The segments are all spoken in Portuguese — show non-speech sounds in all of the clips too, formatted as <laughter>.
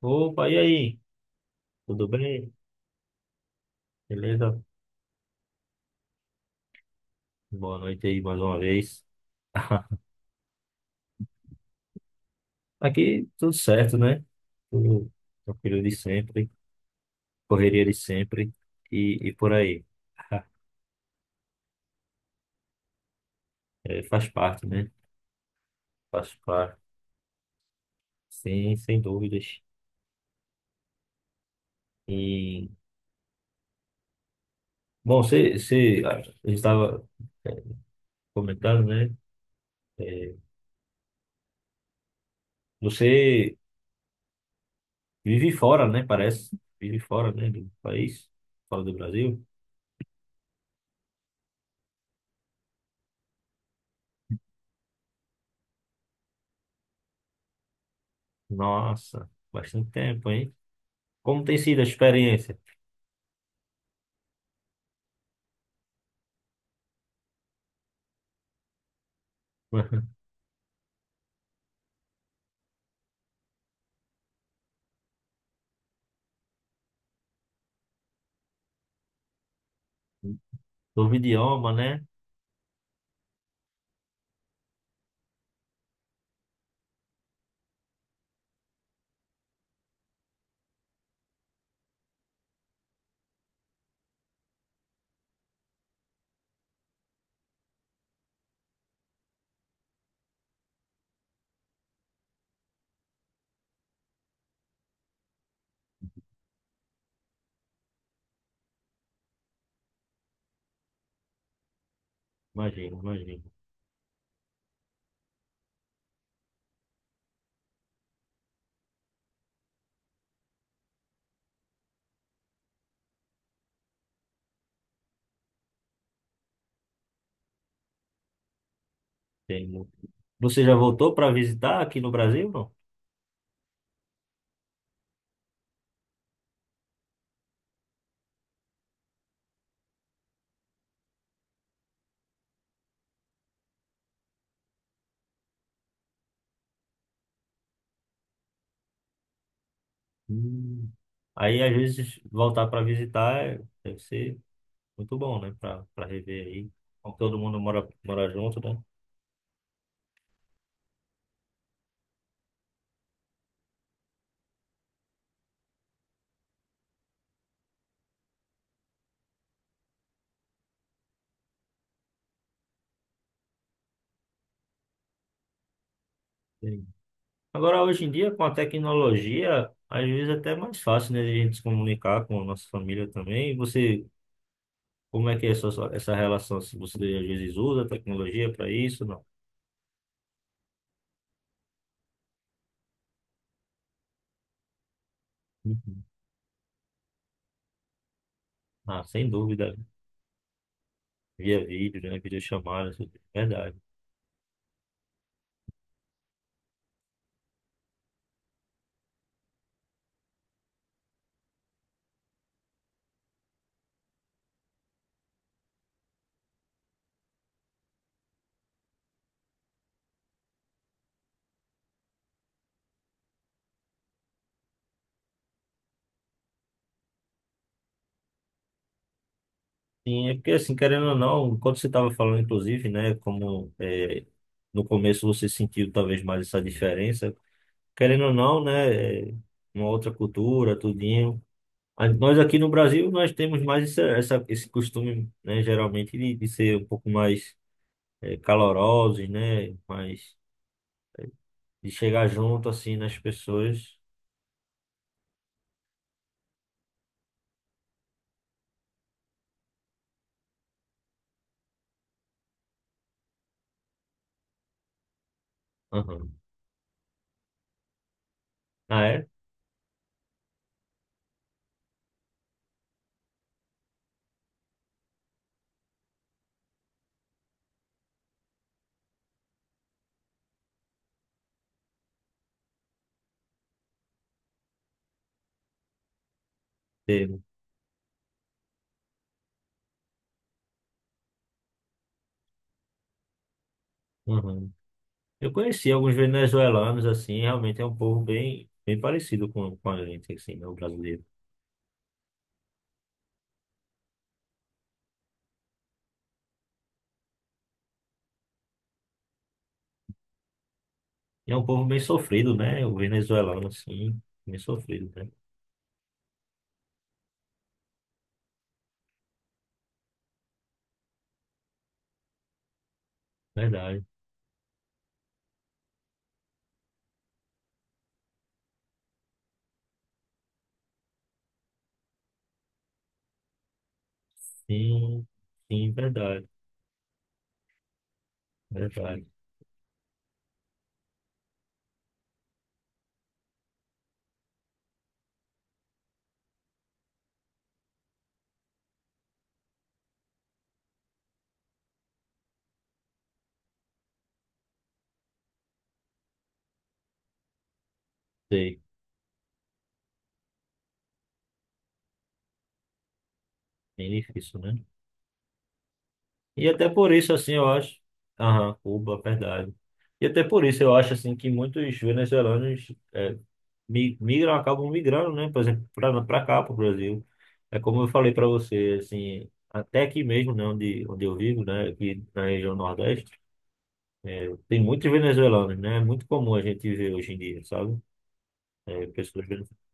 Opa, e aí? Tudo bem? Beleza? Boa noite aí mais uma vez. <laughs> Aqui tudo certo, né? Tudo tranquilo de sempre, correria de sempre e por aí. <laughs> É, faz parte, né? Faz parte, sim, sem dúvidas. E, bom, você, a gente estava comentando, né? É, você vive fora, né? Parece. Vive fora, né? Do país, fora do Brasil. Nossa, bastante tempo, hein? Como tem sido a experiência? <laughs> Novo idioma, né? Imagino, imagino. Tem muito. Você já voltou para visitar aqui no Brasil, não? Hum. Aí, às vezes, voltar para visitar deve ser muito bom, né? Para rever aí. Como Todo mundo mora junto, né? Sim. Agora, hoje em dia, com a tecnologia, às vezes é até mais fácil, né? De a gente se comunicar com a nossa família também. E você, como é que é essa relação? Se você, às vezes, usa a tecnologia para isso, não? Uhum. Ah, sem dúvida. Via vídeo, né? Videochamada, isso tudo. Verdade. Sim, é porque assim, querendo ou não, enquanto você estava falando, inclusive, né, como é, no começo você sentiu talvez mais essa diferença, querendo ou não, né, é, uma outra cultura, tudinho. Nós aqui no Brasil, nós temos mais esse costume, né, geralmente de ser um pouco mais calorosos, né, mais de chegar junto, assim, nas pessoas. Aham. Ah, é? Teve. Eu conheci alguns venezuelanos, assim, realmente é um povo bem parecido com a gente, assim, né, o brasileiro. E é um povo bem sofrido, né? O venezuelano, assim, bem sofrido, né? Verdade. Sim, sim, verdade, verdade. Sei, bem difícil, né? E até por isso, assim, eu acho... Aham, Cuba, verdade. E até por isso eu acho, assim, que muitos venezuelanos migram, acabam migrando, né? Por exemplo, para cá, para o Brasil. É como eu falei para você, assim, até aqui mesmo, né, onde eu vivo, né, aqui na região Nordeste, tem muitos venezuelanos, né? É muito comum a gente ver hoje em dia, sabe? É, pessoas venezuelanas.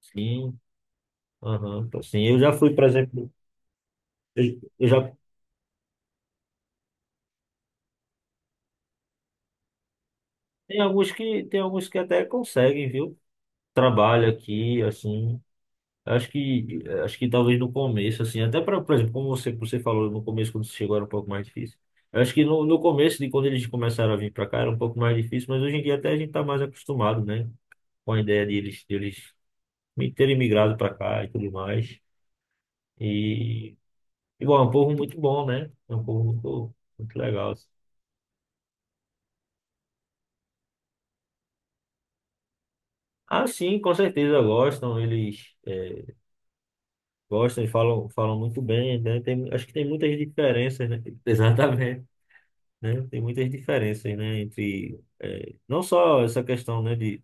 Sim, aham, então, assim, eu já fui, por exemplo, eu já tem alguns que até conseguem, viu? Trabalho aqui, assim, acho que, acho que talvez no começo, assim, até para, por exemplo, como você falou no começo, quando você chegou era um pouco mais difícil. Eu acho que no começo, de quando eles começaram a vir para cá, era um pouco mais difícil, mas hoje em dia até a gente está mais acostumado, né? Com a ideia de eles terem migrado para cá e tudo mais. E, bom, é um povo muito bom, né? É um povo muito, muito legal, assim. Ah, sim, com certeza gostam, eles gostam e falam muito bem, né? Tem, acho que tem muitas diferenças, né? <laughs> Exatamente. Né? Tem muitas diferenças, né? Entre não só essa questão, né,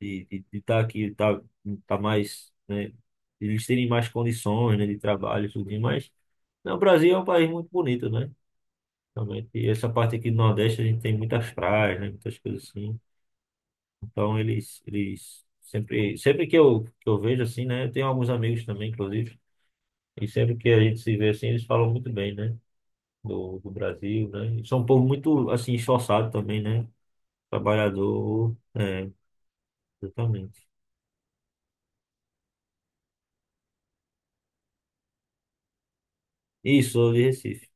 de de estar aqui, tá mais, né? De eles terem mais condições, né, de trabalho, e tudo mais. Não, o Brasil é um país muito bonito, né? Realmente. E essa parte aqui do Nordeste a gente tem muitas praias, né? Muitas coisas assim. Então eles sempre sempre que eu vejo assim, né? Eu tenho alguns amigos também, inclusive. E sempre que a gente se vê assim, eles falam muito bem, né? Do Brasil, né? E são um povo muito, assim, esforçado também, né? Trabalhador, é, exatamente. Isso, sou de Recife.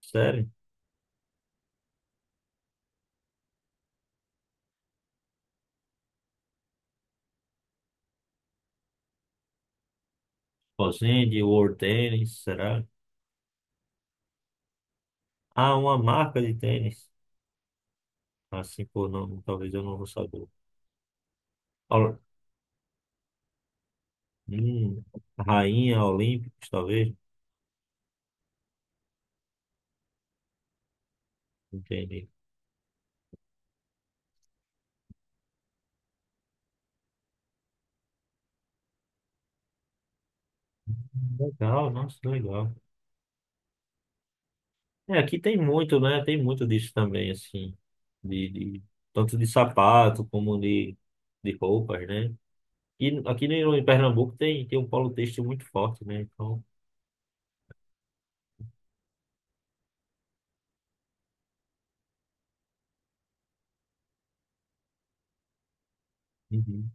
Sério? Fazende, World Tênis, será? Ah, uma marca de tênis. Assim por nome, talvez eu não vou saber. Ol- Hum, Rainha Olímpicos, talvez. Entendi. Legal, nossa, legal. É, aqui tem muito, né? Tem muito disso também, assim. De, de- tanto de sapato como de roupas, né? E aqui em Pernambuco tem, tem um polo têxtil muito forte, né? Então, uhum.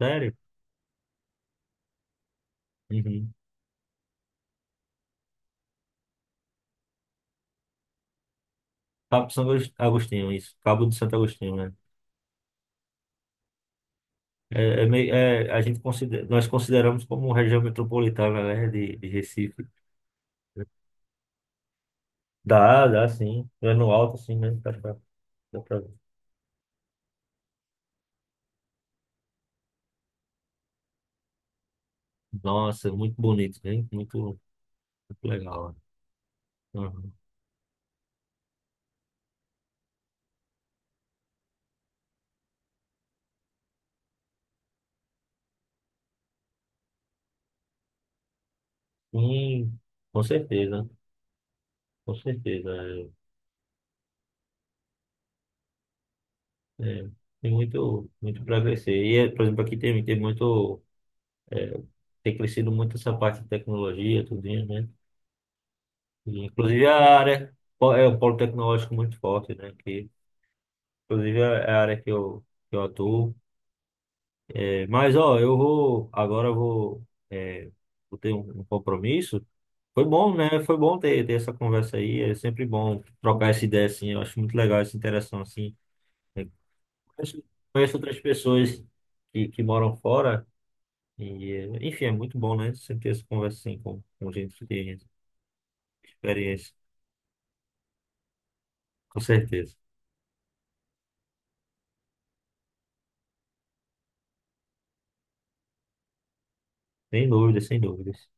Sério? Uhum. Cabo de São Agus- Agostinho, isso. Cabo de Santo Agostinho, né? É, é, a gente considera, nós consideramos como região metropolitana, né, de Recife. Dá, dá sim. É no alto, sim, mesmo. Dá pra... ver. Nossa, muito bonito, hein? Muito, muito legal, né? Uhum. Sim, com certeza, com certeza. É, é, tem muito, muito para crescer. Por exemplo, aqui tem muito, é, tem crescido muito essa parte de tecnologia, tudo, né? Inclusive a área é o polo tecnológico muito forte, né? Que, inclusive é a área que eu atuo. É, mas ó, eu vou, é, vou ter um compromisso. Foi bom, né? Foi bom ter essa conversa aí. É sempre bom trocar essa ideia assim. Eu acho muito legal essa interação assim. Eu conheço, conheço outras pessoas que moram fora e é, enfim, é muito bom, né? Sempre ter essa conversa assim com gente que tem experiência, com certeza. Sem dúvidas, sem dúvidas.